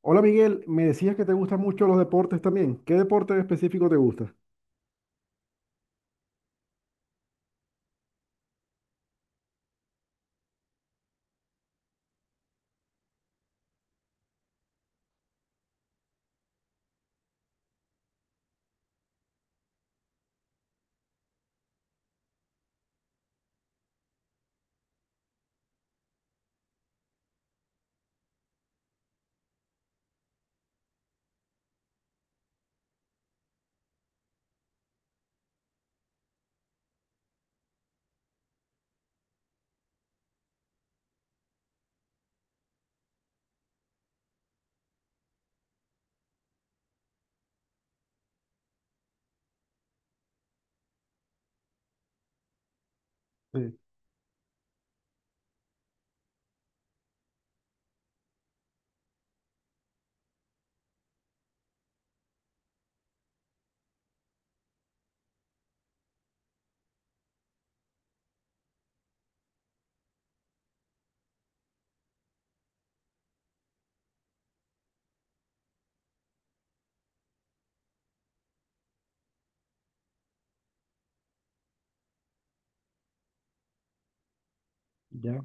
Hola Miguel, me decías que te gustan mucho los deportes también. ¿Qué deporte en específico te gusta? Sí, ya.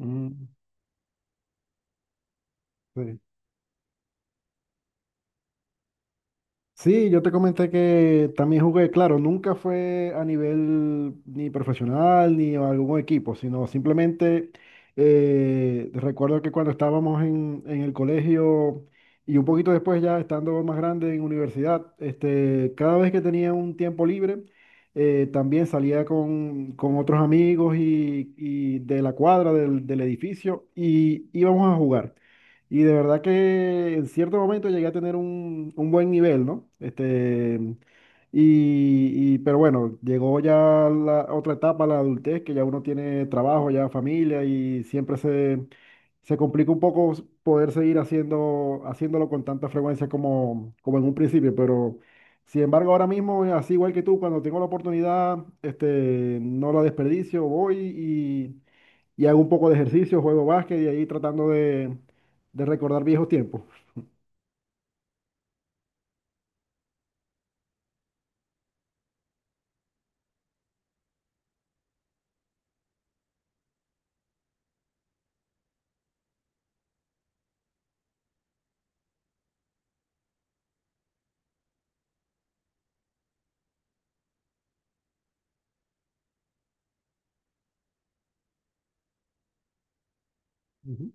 Mm, sí. Sí, yo te comenté que también jugué, claro, nunca fue a nivel ni profesional ni a algún equipo, sino simplemente recuerdo que cuando estábamos en el colegio y un poquito después ya estando más grande en universidad, este, cada vez que tenía un tiempo libre, también salía con otros amigos y de la cuadra del edificio y íbamos a jugar. Y de verdad que en cierto momento llegué a tener un buen nivel, ¿no? Este, pero bueno, llegó ya la otra etapa, la adultez, que ya uno tiene trabajo, ya familia, y siempre se complica un poco poder seguir haciendo, haciéndolo con tanta frecuencia como, como en un principio. Pero sin embargo, ahora mismo, así igual que tú, cuando tengo la oportunidad, este, no la desperdicio, voy y hago un poco de ejercicio, juego básquet y ahí tratando de recordar viejos tiempos. Ujú.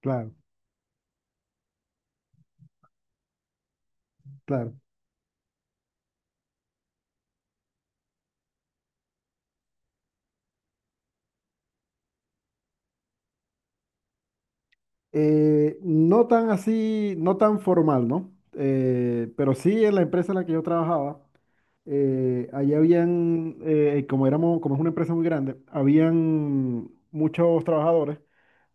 Claro, claro. No tan así, no tan formal, ¿no? Pero sí en la empresa en la que yo trabajaba, allí habían, como éramos, como es una empresa muy grande, habían muchos trabajadores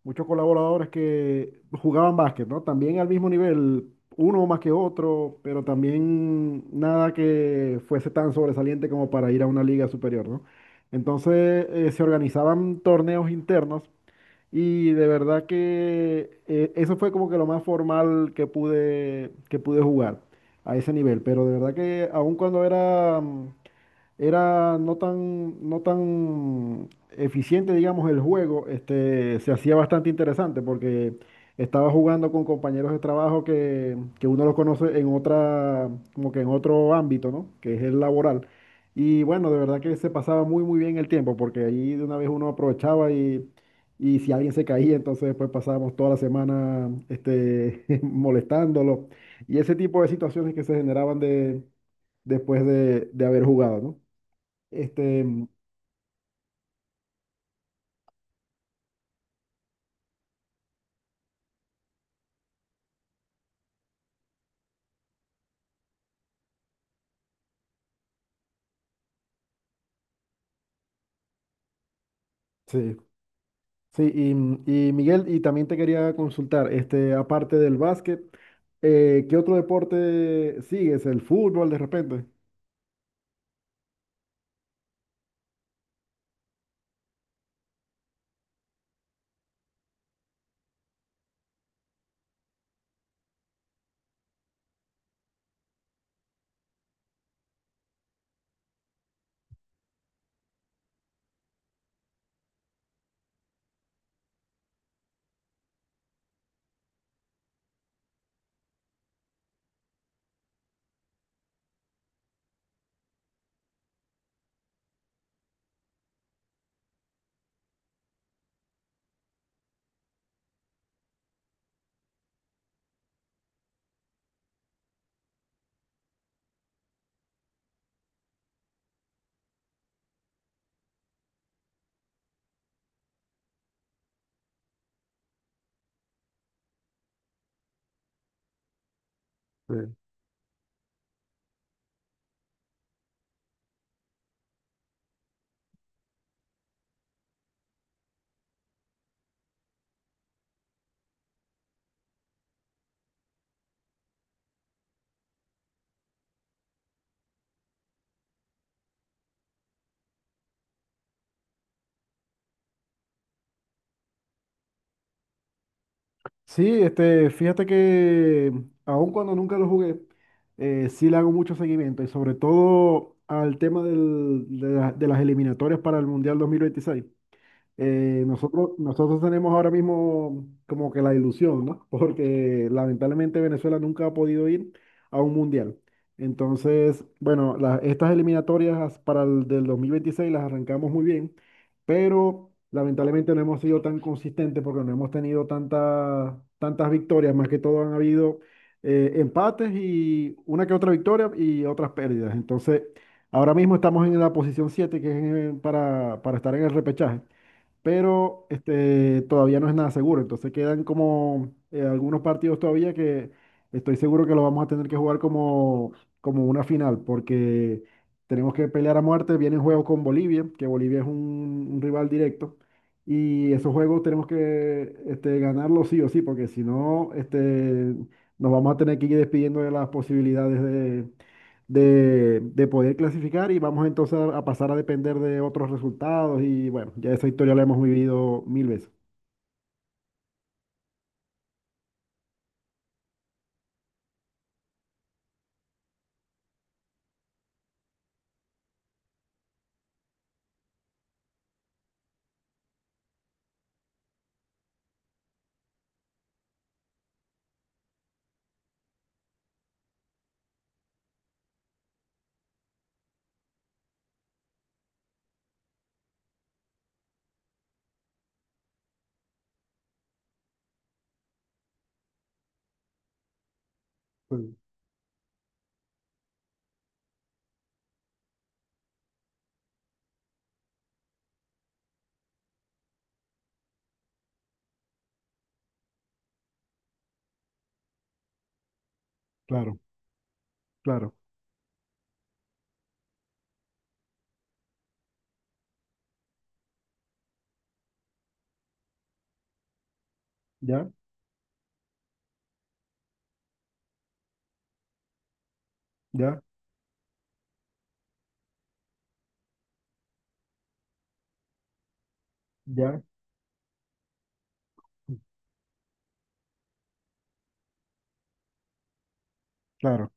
muchos colaboradores que jugaban básquet, ¿no? También al mismo nivel, uno más que otro, pero también nada que fuese tan sobresaliente como para ir a una liga superior, ¿no? Entonces se organizaban torneos internos y de verdad que eso fue como que lo más formal que que pude jugar a ese nivel, pero de verdad que aun cuando era era no tan, no tan eficiente, digamos, el juego, este, se hacía bastante interesante porque estaba jugando con compañeros de trabajo que uno los conoce en otra, como que en otro ámbito, ¿no? Que es el laboral. Y bueno, de verdad que se pasaba muy, muy bien el tiempo porque ahí de una vez uno aprovechaba y si alguien se caía, entonces después pasábamos toda la semana, este, molestándolo y ese tipo de situaciones que se generaban de, después de haber jugado, ¿no? Este, mm, sí, sí, y, mm, y Miguel, y también te quería consultar, este, aparte del básquet, ¿qué otro deporte sigues? ¿El fútbol de repente? Sí. Sí, este, fíjate que mm, aun cuando nunca lo jugué, sí le hago mucho seguimiento y sobre todo al tema de las eliminatorias para el Mundial 2026. Nosotros, nosotros tenemos ahora mismo como que la ilusión, ¿no? Porque lamentablemente Venezuela nunca ha podido ir a un mundial. Entonces, bueno, estas eliminatorias para el del 2026 las arrancamos muy bien, pero lamentablemente no hemos sido tan consistentes porque no hemos tenido tantas victorias. Más que todo han habido empates y una que otra victoria y otras pérdidas. Entonces, ahora mismo estamos en la posición 7 que es para estar en el repechaje pero este, todavía no es nada seguro. Entonces quedan como algunos partidos todavía que estoy seguro que los vamos a tener que jugar como, como una final, porque tenemos que pelear a muerte. Vienen juegos con Bolivia, que Bolivia es un rival directo, y esos juegos tenemos que este, ganarlos sí o sí, porque si no, este, nos vamos a tener que ir despidiendo de las posibilidades de poder clasificar y vamos entonces a pasar a depender de otros resultados y bueno, ya esa historia la hemos vivido mil veces. Sí, claro, claro, ya, ya, ya, claro.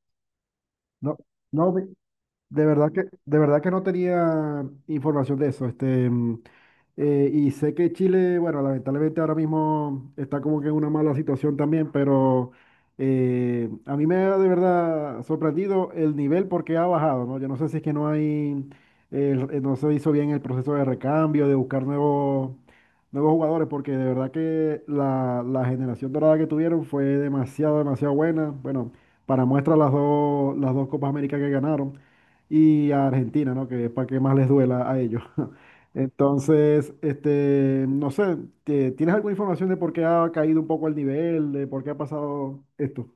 No, no, de verdad que, de verdad que no tenía información de eso. Este, mm, y sé que Chile, bueno, lamentablemente ahora mismo está como que en una mala situación también, pero a mí me ha de verdad sorprendido el nivel porque ha bajado, ¿no? Yo no sé si es que no hay, no se hizo bien el proceso de recambio, de buscar nuevos, nuevos jugadores, porque de verdad que la generación dorada que tuvieron fue demasiado, demasiado buena. Bueno, para muestra las dos Copas América que ganaron y a Argentina, ¿no? Que para que más les duela a ellos. Entonces, este, no sé, ¿tienes alguna información de por qué ha caído un poco el nivel, de por qué ha pasado esto?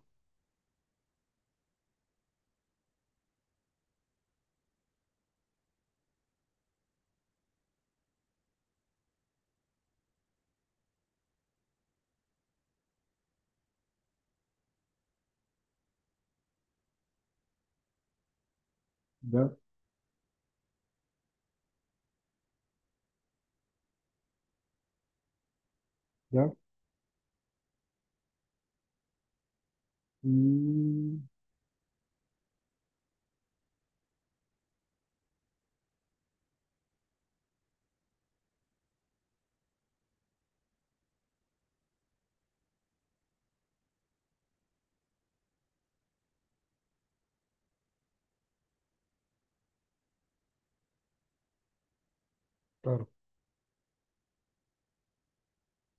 Ya, ya. Mm, claro.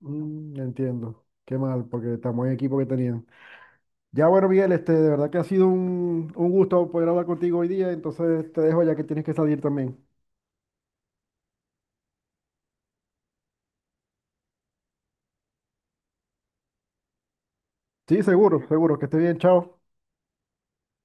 Mm, entiendo. Qué mal, porque tan buen equipo que tenían. Ya bueno, Miguel, este, de verdad que ha sido un gusto poder hablar contigo hoy día, entonces te dejo ya que tienes que salir también. Sí, seguro, seguro, que esté bien, chao.